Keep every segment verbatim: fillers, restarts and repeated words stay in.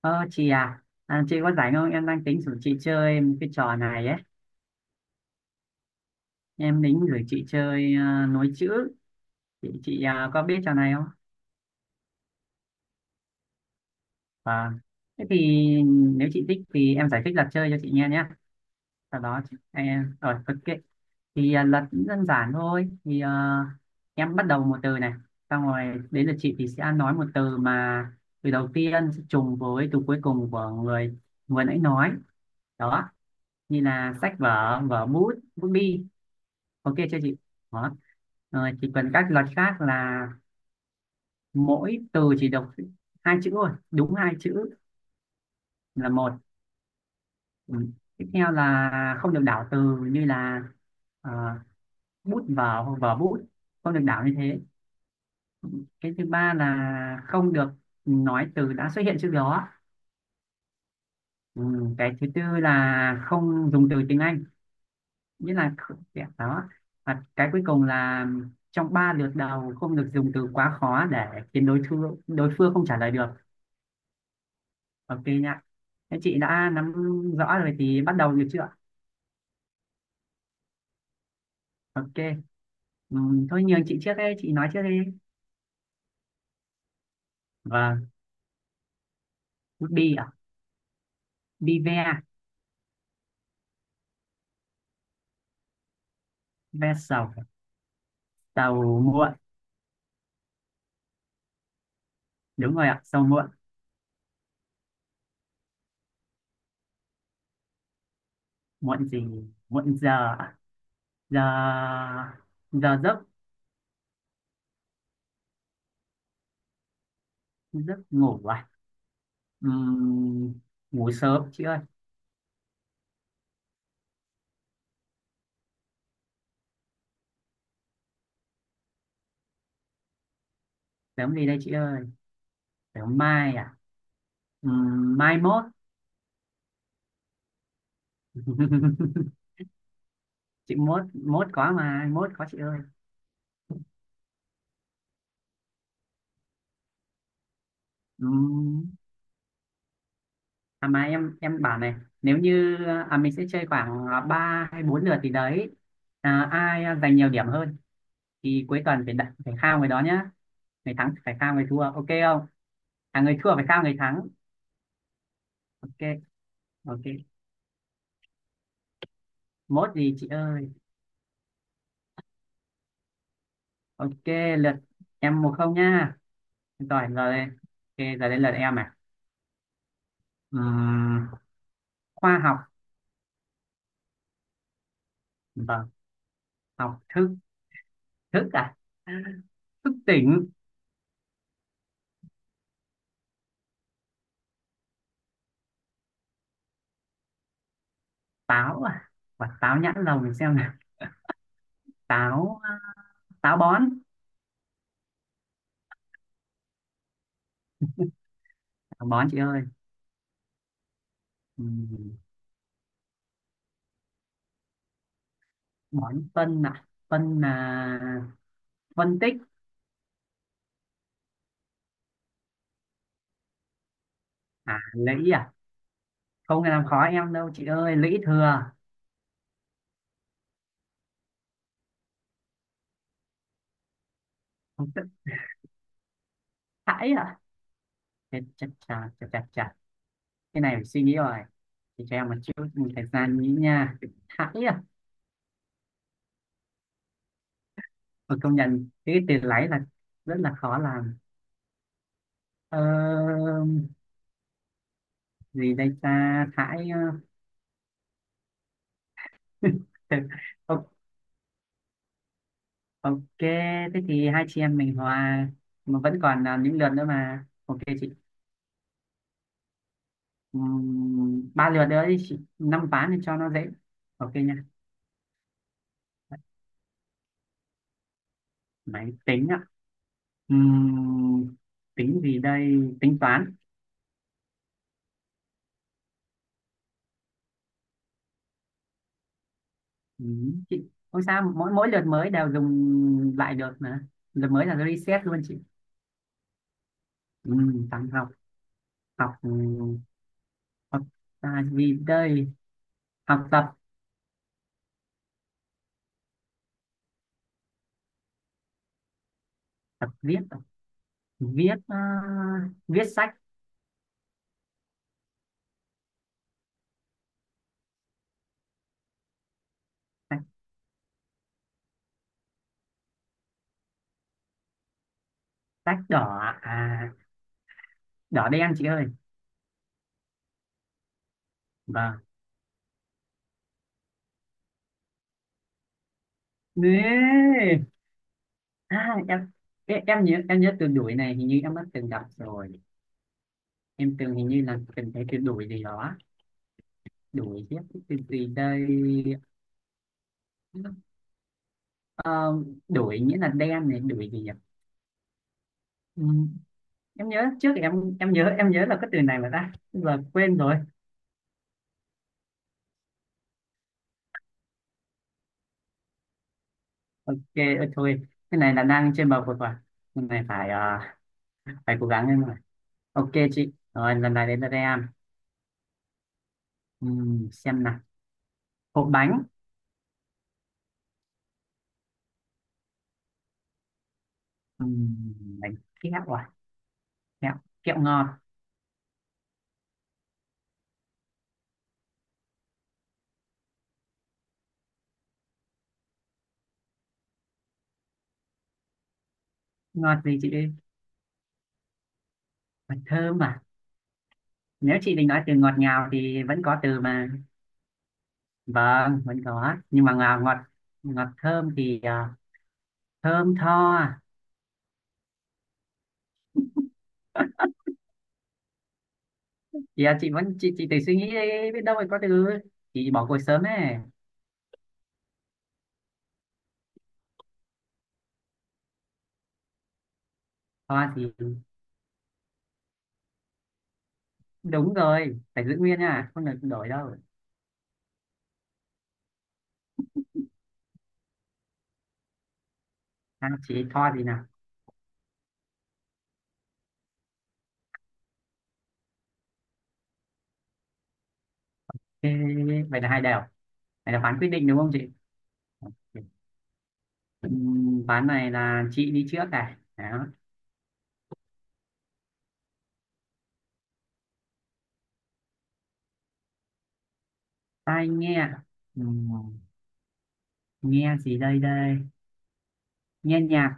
Ờ chị à, à chị có rảnh không? Em đang tính rủ chị chơi một cái trò này ấy. Em tính gửi chị chơi, à, nối chữ. Chị, chị à, có biết trò này không? Vâng. Thế thì nếu chị thích thì em giải thích luật chơi cho chị nghe nhé. Sau đó chị, em rồi ok. Thì à, luật cũng đơn giản thôi. Thì à, em bắt đầu một từ này, xong rồi đến lượt chị thì sẽ nói một từ mà từ đầu tiên sẽ trùng với từ cuối cùng của người vừa nãy nói. Đó, như là sách vở, vở bút, bút bi. Ok chưa chị? Đó rồi, chỉ cần các luật khác là mỗi từ chỉ đọc hai chữ thôi, đúng hai chữ là một. Ừ. Tiếp theo là không được đảo từ như là ờ, bút vở hoặc vở bút, không được đảo như thế. Cái thứ ba là không được nói từ đã xuất hiện trước đó. Ừ. Cái thứ tư là không dùng từ tiếng Anh, nghĩa là kh- dạ, đó. Và cái cuối cùng là trong ba lượt đầu không được dùng từ quá khó để khiến đối phương đối phương không trả lời được. Ok nha, thế chị đã nắm rõ rồi thì bắt đầu được chưa ạ? Ok. Ừm, thôi nhường chị trước, đây chị nói trước đi. Vâng, đi ạ. Đi ve. Ve sầu. Sầu muộn. Đúng rồi ạ, sầu muộn. Muộn gì? Muộn giờ ạ? Giờ. Giờ giấc. Giấc ngủ à. Ừm, ngủ sớm chị ơi. Sớm gì đây chị ơi? Sớm mai à. Ừm, mai mốt. Chị, mốt mốt có mà, mốt có chị ơi. À mà em em bảo này, nếu như à, mình sẽ chơi khoảng à, ba hay bốn lượt thì đấy, à, ai giành nhiều điểm hơn thì cuối tuần phải đặt phải khao người đó nhá. Người thắng phải khao người thua, ok không? à người thua phải khao người thắng. Ok. Ok, mốt gì chị ơi? Ok, lượt. Em một không nhá. Giỏi rồi. Ok, giờ đến lượt em à. Ừm, khoa học. Vâng. Học thức. Thức à. Thức tỉnh. Táo à? Quả táo nhãn lồng mình xem nào. Táo à, táo bón. Bón chị ơi. Ừ. Bón phân à? Phân là phân tích. À, lũy à, không làm khó em đâu chị ơi, lũy thừa. Không tức. Thãi à. Chết, chà chà chà chà chà, cái này phải suy nghĩ rồi. Chị cho em một chút thời gian nghĩ nha. Thãi à. Mà công nhận cái từ lấy là rất là khó làm. ờ, gì đây ta, thãi. ờ, Ô- ok, thế thì hai chị em mình hòa, mà vẫn còn à, những lượt nữa mà, ok chị. Ừm, ba lượt nữa đi chị, năm ván thì cho nó dễ. Ok nha. Máy tính ạ. Ừm, tính gì đây? Tính toán. Ừm, chị không sao, mỗi mỗi lượt mới đều dùng lại được mà, lượt mới là reset luôn chị. Ừm, toán học. Học ừm, học, à, gì đây, học tập. Tập viết à? Viết à, viết sách. Sách, sách đỏ à? Đỏ đen chị ơi. Vâng. Ê! À, em, em em nhớ em nhớ từ đuổi này hình như em đã từng gặp rồi. Em từng hình như là từng thấy từ đuổi gì đó, đuổi chứ. Từ gì đây? Ờ, đuổi nghĩa là đen này, đuổi gì nhỉ? Ừ, em nhớ trước em em nhớ em nhớ là có từ này mà ta giờ quên rồi. Ok. ờ, thôi, cái này là đang trên bờ vực rồi, cái này phải ờ, phải cố gắng lên rồi. Ok chị, rồi lần này đến là em. ừ, xem nào, hộp bánh. ừ, bánh kẹo à. Kẹo, kẹo ngọt. Ngọt gì chị? Mật thơm à? Nếu chị định nói từ ngọt ngào thì vẫn có từ mà. Vâng, vẫn có. Nhưng mà ngọt ngọt, ngọt thơm thì à, thơm tho à? Thì à, chị vẫn chị chị tự suy nghĩ đi, biết đâu lại có từ. Chị bỏ cuộc sớm ấy. Tho thì đúng rồi, phải giữ nguyên nha, không được đổi đâu. À, chị tho gì nào? Ê, vậy là hai đều. Vậy là phán quyết định đúng không chị? Ừm, Ván này là chị đi trước này. Đó. Tai nghe. Ừm, Nghe gì đây đây? Nghe nhạc.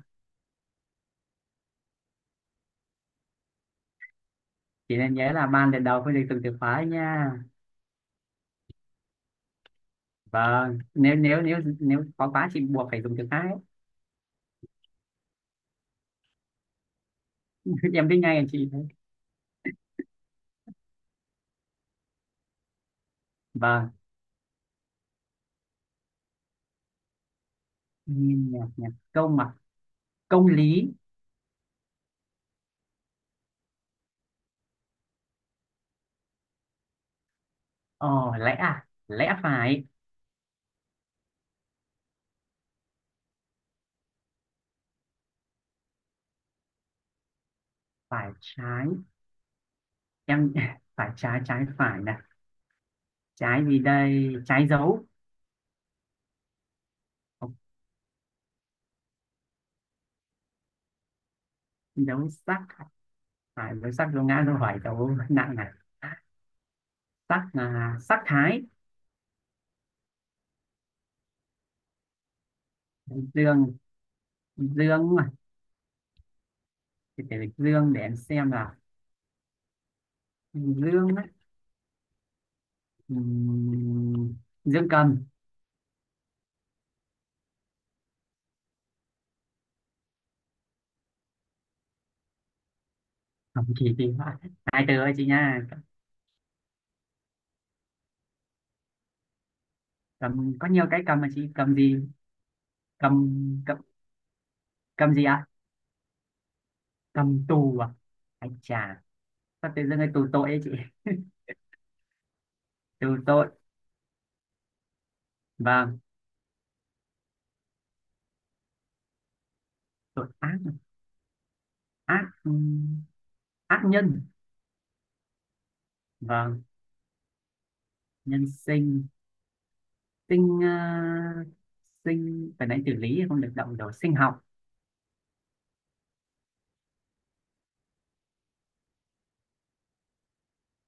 Chị nên nhớ là ban lần đầu phải được dùng từ khóa nha. Vâng, nếu nếu nếu nếu khó quá chị buộc phải dùng từ khác ấy. Em biết ngay là chị đấy. Vâng. Nhìn nhạc, nhạc công mà. Công lý. Ờ. Lẽ à, lẽ phải. Phải trái. Em phải trái, trái phải nè. Trái gì đây, trái dấu. Ờ, dấu sắc. Phải, dấu sắc, dấu ngã, dấu hỏi, dấu nặng này. Sắc là sắc thái. Dương. Dương mà, thì phải dương để em xem là dương á. Ừm, dưỡng cầm. Không, chỉ thì hai từ thôi chị nha. Cầm có nhiều cái cầm mà chị, cầm gì? Cầm. Cầm. Cầm gì ạ? Cầm tù à. Anh chà, sao tự dưng cái tù tội ấy chị. Tù tội. Vâng. Tội ác. Ác ừm, ác nhân. Vâng. Nhân sinh. Sinh ờ, sinh phải nói tử lý không được động rồi, sinh học.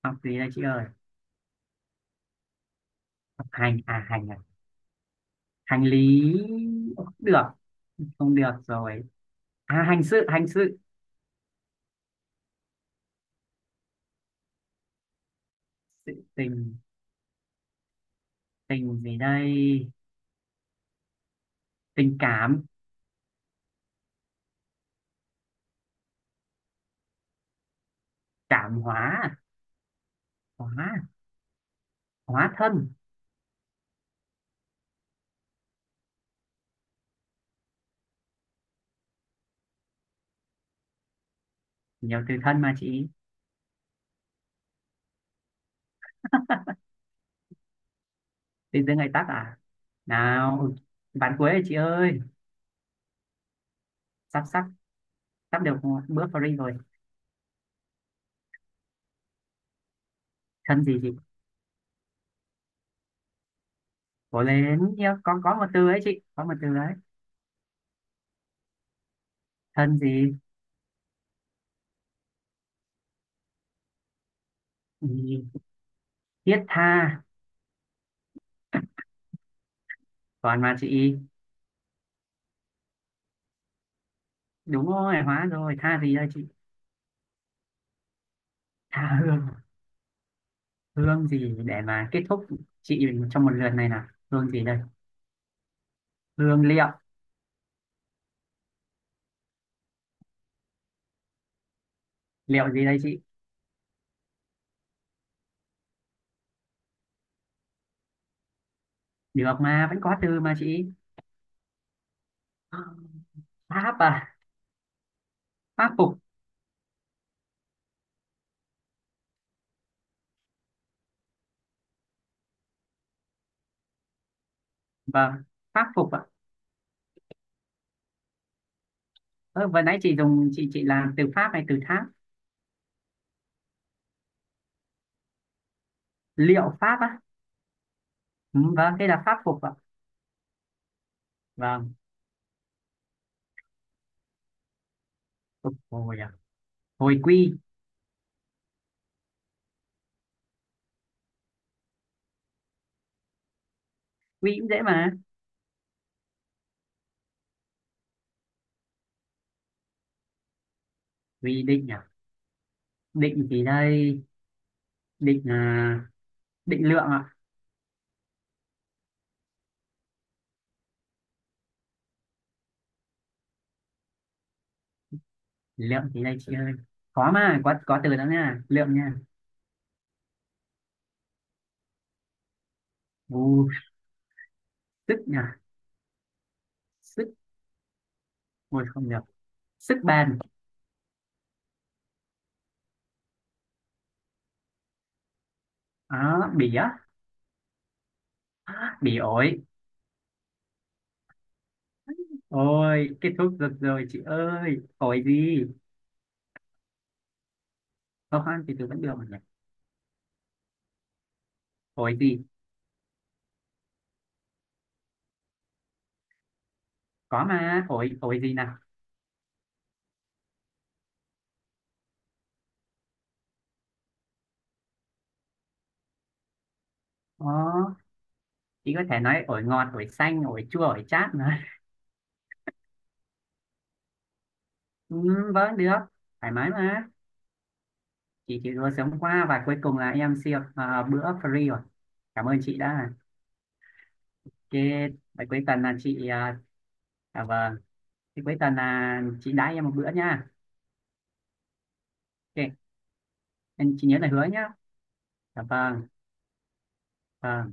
Học gì đây chị ơi? Học hành à, hành à, hành lý. Ủa, không được, không được rồi. À, hành sự, hành sự. Sự- tình. Tình gì đây? Tình cảm. Cảm hóa à? Hóa, hóa thân. Nhiều từ thân mà chị. Tình dưới ngày tắt à, nào ván cuối rồi chị ơi. Sắp sắp sắp được một bữa free rồi. Thân gì chị? Cố lên nhá, có có một từ ấy chị, có một từ đấy. Thân gì? Ừ, thiết tha. Còn mà chị. Đúng rồi, hóa rồi. Tha gì đây chị? Tha hương. Hương gì để mà kết thúc chị trong một lượt này nào? Hương gì đây? Hương liệu. Liệu gì đây chị? Được mà, vẫn có từ mà chị. À, pháp à, pháp phục. Vâng, pháp phục ạ. Ơ, vừa nãy chị dùng chị chị làm từ pháp này từ tháp. Liệu pháp á. Ừ, vâng đây là pháp phục ạ. Vâng. Phục hồi à. Hồi quy. Quy cũng dễ mà. Quy định à. Định gì đây? Định à, định lượng ạ. Lượng gì đây chị ơi? Có mà, có có từ đó nha, lượng nha. Ù, sức nha. Sức, ôi không được, sức bền. Đó, bỉ á. Bỉ ổi. Ôi, kết thúc được rồi chị ơi. Hỏi gì? Không ăn thì tôi vẫn được mà nhỉ? Hỏi gì? Có mà, hỏi, hỏi gì nào? Ờ, chị có thể nói ổi ngọt, ổi xanh, ổi chua, ổi chát mà. Ừ, vẫn được, thoải mái mà. Chị chỉ vừa sống qua và cuối cùng là em siêu à, bữa free rồi. Cảm ơn chị đã. Ok, vậy cuối tuần là chị, à, à vâng, thì cuối tuần là chị đãi em một bữa nha. Ok, em- chị nhớ là hứa nhá. Dạ vâng, vâng.